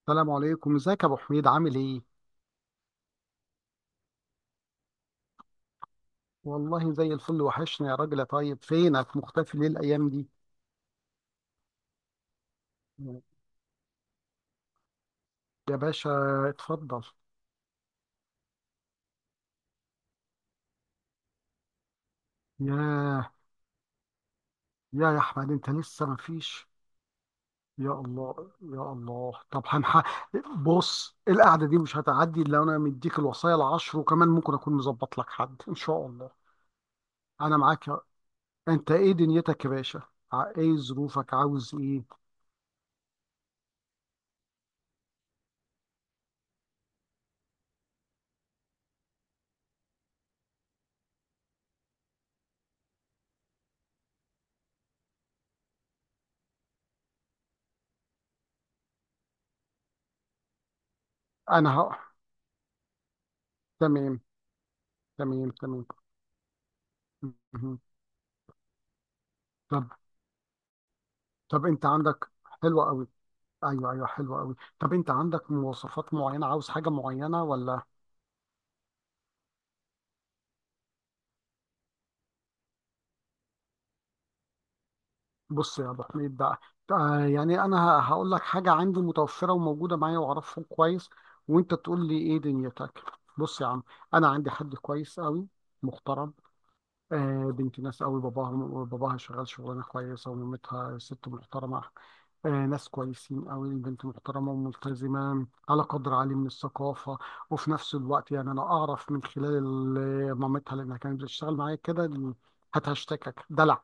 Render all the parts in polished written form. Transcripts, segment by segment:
السلام عليكم، ازيك يا ابو حميد؟ عامل ايه؟ والله زي الفل. وحشنا يا راجل يا طيب، فينك مختفي ليه الايام دي؟ يا باشا اتفضل. ياه، يا احمد، انت لسه ما فيش؟ يا الله يا الله، طب هنح... بص، القعده دي مش هتعدي الا انا مديك الوصايا العشر، وكمان ممكن اكون مظبط لك حد ان شاء الله. انا معاك يا... انت ايه دنيتك يا باشا؟ ايه ظروفك؟ عاوز ايه؟ انا ه... تمام تمام تمام. مهم. طب، طب انت عندك، حلوة قوي. ايوه ايوه، حلوة قوي. طب انت عندك مواصفات معينة؟ عاوز حاجة معينة ولا؟ بص يا ابو حميد بقى، آه يعني انا هقول لك حاجة عندي متوفرة وموجودة معايا واعرفها كويس، وانت تقول لي ايه دنيتك. بص يا عم، انا عندي حد كويس قوي، محترم، آه، بنت ناس قوي. باباها شغال شغلانه كويسه، ومامتها ست محترمه. آه، ناس كويسين قوي. البنت محترمه وملتزمه على قدر عالي من الثقافه، وفي نفس الوقت يعني انا اعرف من خلال مامتها لانها كانت بتشتغل معايا كده. هات هشتكك دلع.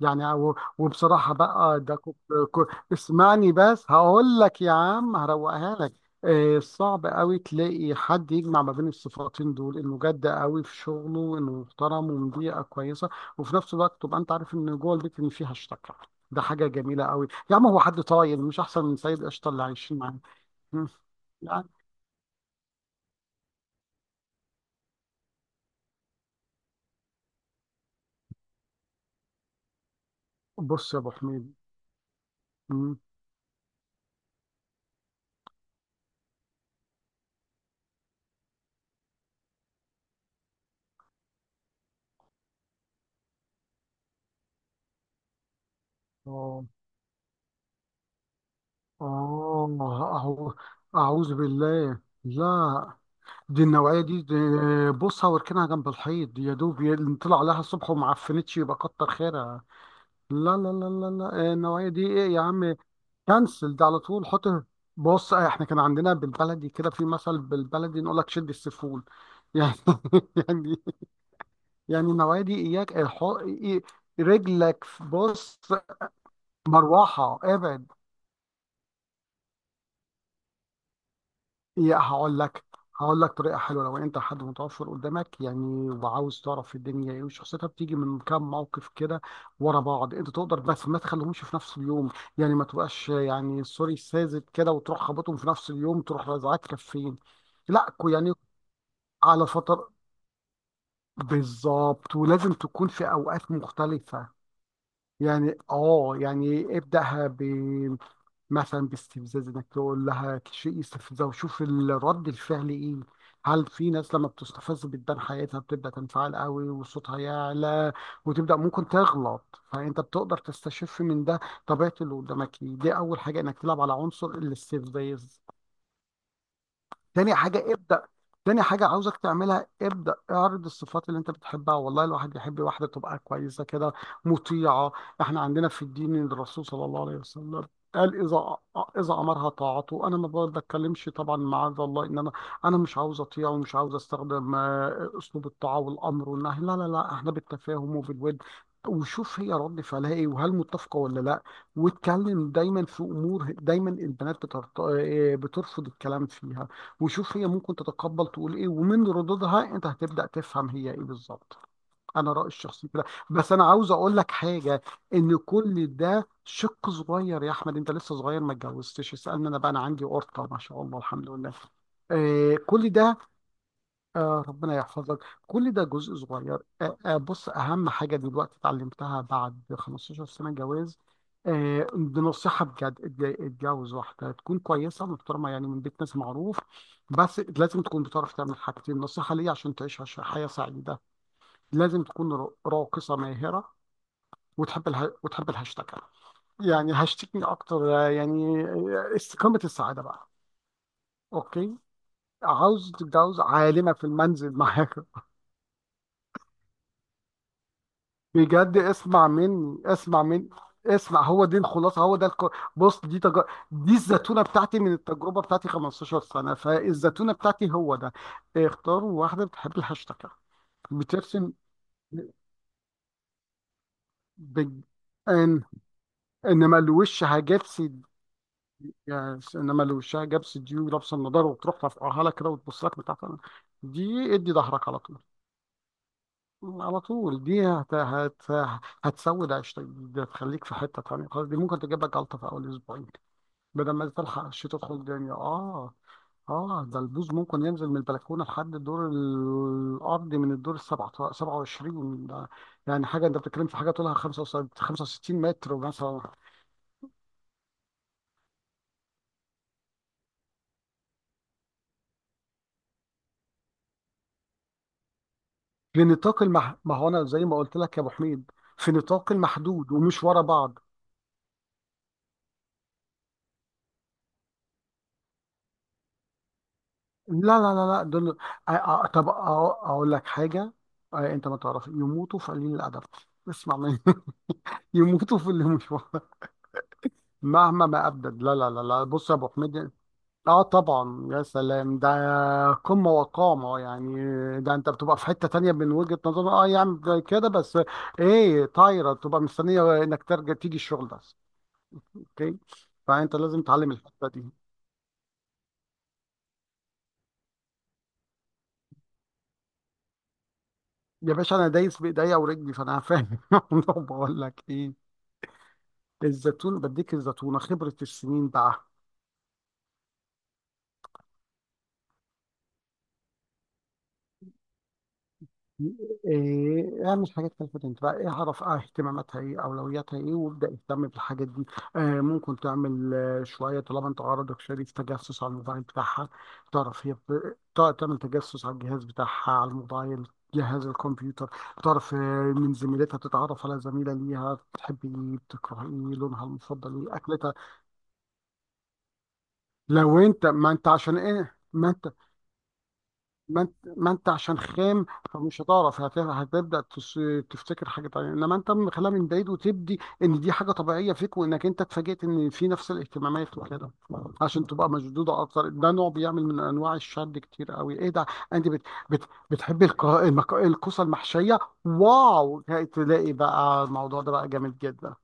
يعني وبصراحة بقى، ده كنت اسمعني بس، هقول لك يا عم هروقها لك. آه، صعب قوي تلاقي حد يجمع ما بين الصفاتين دول، انه جد قوي في شغله وانه محترم ومن بيئة كويسة، وفي نفس الوقت تبقى انت عارف ان جوه البيت ان فيها اشتكى. ده حاجة جميلة قوي يا عم، هو حد طايل؟ مش احسن من سيد قشطة اللي عايشين معاه. مم. يعني بص يا ابو حميد. مم. اه اه، اهو، اعوذ بالله لا. دي النوعية دي، دي بصها واركنها جنب الحيط. يا دوب طلع لها الصبح وما عفنتش يبقى كتر خيرها. لا لا لا لا لا، آه، النوعية دي ايه يا عم؟ كنسل ده على طول. حط بص، آه، احنا كان عندنا بالبلدي كده في مثل، بالبلدي نقول لك شد السفول يعني يعني، يعني النوعية دي اياك الحق رجلك بص. مروحة، ابعد. يا، هقول لك. هقول لك طريقه حلوه، لو انت حد متوفر قدامك يعني وعاوز تعرف الدنيا ايه وشخصيتها، بتيجي من كام موقف كده ورا بعض انت تقدر، بس ما تخليهمش في نفس اليوم. يعني ما تبقاش يعني سوري ساذج كده وتروح خبطهم في نفس اليوم، تروح رازعاك كفين. لا كو- يعني على فتر، بالظبط، ولازم تكون في اوقات مختلفه. يعني اه يعني ابدأها مثلا باستفزاز، انك تقول لها شيء يستفزها وشوف الرد الفعل ايه. هل في ناس لما بتستفز بتبان حياتها، بتبدا تنفعل قوي وصوتها يعلى وتبدا ممكن تغلط، فانت بتقدر تستشف من ده طبيعه اللي قدامك ايه. دي اول حاجه، انك تلعب على عنصر الاستفزاز. تاني حاجة ابدأ، تاني حاجة عاوزك تعملها، ابدأ اعرض الصفات اللي انت بتحبها. والله الواحد يحب واحدة تبقى كويسة كده، مطيعة. احنا عندنا في الدين، إن الرسول صلى الله عليه وسلم قال: إذا أمرها طاعته. أنا ما بتكلمش طبعا، معاذ الله، إن أنا، أنا مش عاوز أطيع ومش عاوز أستخدم أسلوب الطاعة والأمر والنهي. لا لا لا، إحنا بالتفاهم وبالود، وشوف هي رد فعلها إيه وهل متفقة ولا لا. واتكلم دايما في أمور دايما البنات بترت... بترفض الكلام فيها، وشوف هي ممكن تتقبل تقول ايه، ومن ردودها انت هتبدأ تفهم هي ايه بالظبط. انا رأيي الشخصي كده. بس انا عاوز اقول لك حاجة، ان كل ده شق صغير. يا احمد، انت لسه صغير ما اتجوزتش، اسألني انا بقى. انا عندي قرطة ما شاء الله الحمد لله، آه كل ده. آه ربنا يحفظك. كل ده جزء صغير. آه آه، بص، أهم حاجة دلوقتي اتعلمتها بعد 15 سنة جواز، آه، دي نصيحة بجد: اتجوز واحدة تكون كويسة محترمة يعني من بيت ناس معروف، بس لازم تكون بتعرف تعمل حاجتين، نصيحة ليا، عشان تعيش حياة سعيدة. لازم تكون راقصة ماهرة، وتحب الها... وتحب الهاشتاج، يعني هاشتكني أكتر، يعني، استقامة السعادة بقى. أوكي، عاوز تتجوز عالمة في المنزل معاك. بجد اسمع مني، اسمع مني. اسمع، هو دي الخلاصه، هو ده الك... بص دي تج... دي الزتونه بتاعتي من التجربه بتاعتي 15 سنه، فالزتونه بتاعتي هو ده: اختاروا واحده بتحب الهاشتاج، بترسم، بج... ان، انما الوشها جبسي. يعني انما الوشها جبسي دي، ولابسه النضاره وتروح ترفعها لك كده وتبص لك بتاعت، دي ادي ظهرك على طول. على طول دي هت... هت... هتسود عيشتك، دي هتخليك في حته تانيه خالص، دي ممكن تجيب لك جلطه في اول اسبوعين بدل ما تلحق الشتاء تدخل الدنيا. اه، اه، ده البوز ممكن ينزل من البلكونه لحد الدور الارضي من الدور السبعة 27 ده. يعني حاجه، انت بتتكلم في حاجه طولها 65 متر مثلا. لنطاق المح... ما هو انا زي ما قلت لك يا ابو حميد، في نطاق المحدود ومش ورا بعض. لا لا لا لا دول، آه آه، طب آه اقول لك حاجه، آه انت ما تعرف، يموتوا في قليل الادب. اسمع مني يموتوا في اللي مش ورا. مهما ما ابدد، لا لا لا لا، بص يا ابو حميد، اه طبعا، يا سلام، ده قمة وقامة يعني، ده انت بتبقى في حتة تانية من وجهة نظر. اه يا عم، ده كده بس ايه؟ طايرة تبقى مستنية انك ترجع تيجي الشغل بس. اوكي، فانت لازم تعلم الحتة دي. يا باشا انا دايس بايديا ورجلي فانا فاهم بقول لك ايه، الزيتون بديك الزيتونة، خبرة السنين بقى. إيه، اعمل حاجات تلفت انتباه. إيه، اعرف اهتماماتها ايه، اولوياتها ايه، وابدا اهتم بالحاجات دي. آه ممكن تعمل آه شويه، طالما انت عرضك شريف، تجسس على الموبايل بتاعها. تعرف هي تعمل تجسس على الجهاز بتاعها، على الموبايل، جهاز الكمبيوتر. تعرف من زميلتها، تتعرف على زميلة ليها، بتحب ايه، بتكره ايه، لونها المفضل ايه، اكلتها. لو انت، ما انت ما انت عشان خام فمش هتعرف هتبدا تفتكر حاجه تانية. انما انت مخليها من بعيد وتبدي ان دي حاجه طبيعيه فيك، وانك انت اتفاجئت ان في نفس الاهتمامات وكده، عشان تبقى مشدوده اكتر. ده نوع بيعمل من انواع الشد كتير قوي. ايه ده، انت بت بتحبي الكوسه المحشيه؟ واو. تلاقي بقى الموضوع ده بقى جامد جدا.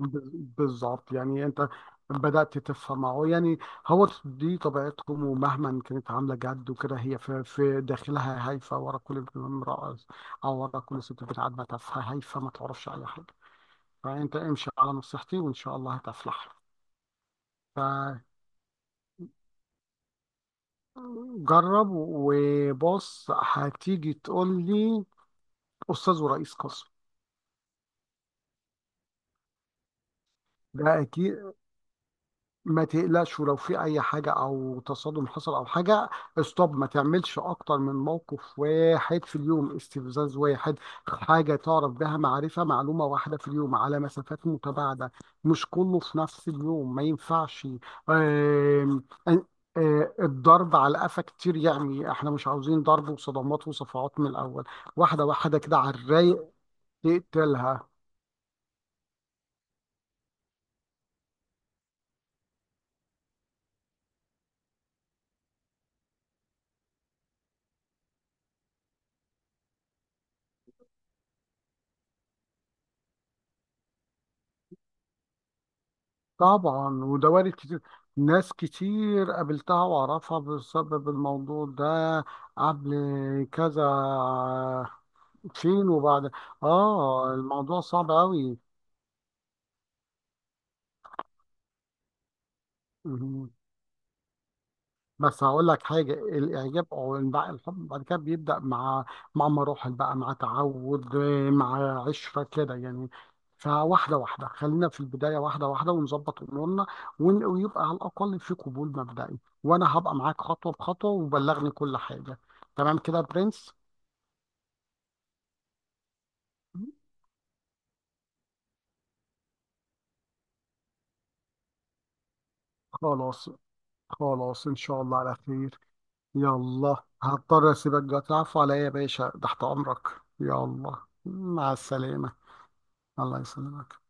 بز- بالظبط، يعني انت بدأت تفهم اهو يعني. هو دي طبيعتهم، ومهما كانت عاملة جد وكده، هي في، في داخلها هايفة. ورا كل امرأة او ورا كل ست بنت، عادمة تافهة هايفة ما تعرفش اي حاجة. فانت امشي على نصيحتي وان شاء الله هتفلح. فجرب وبص هتيجي تقول لي: استاذ ورئيس قسم. ده اكيد. ما تقلقش، ولو في اي حاجه او تصادم حصل او حاجه، استوب. ما تعملش اكتر من موقف واحد في اليوم، استفزاز واحد، حاجه تعرف بها معرفه، معلومه واحده في اليوم، على مسافات متباعده، مش كله في نفس اليوم ما ينفعش. آم، آم، الضرب على قفا كتير، يعني احنا مش عاوزين ضرب وصدمات وصفعات من الاول. واحده واحده كده على الرايق تقتلها. طبعا، ودواري كتير، ناس كتير قابلتها وأعرفها بسبب الموضوع ده، قبل، كذا، فين، وبعد، آه الموضوع صعب أوي. بس هقول لك حاجة، الإعجاب أو الحب بعد كده بيبدأ مع، مع مراحل بقى، مع تعود، مع عشرة كده يعني. فواحدة واحدة خلينا في البداية، واحدة واحدة ونظبط أمورنا ويبقى على الأقل في قبول مبدئي، وأنا هبقى معاك خطوة بخطوة. وبلغني كل حاجة، تمام كده يا برنس؟ خلاص، خلاص إن شاء الله على خير. يلا هضطر أسيبك دلوقتي، عفو عليا يا باشا، تحت أمرك. يلا، مع السلامة. الله يسلمك.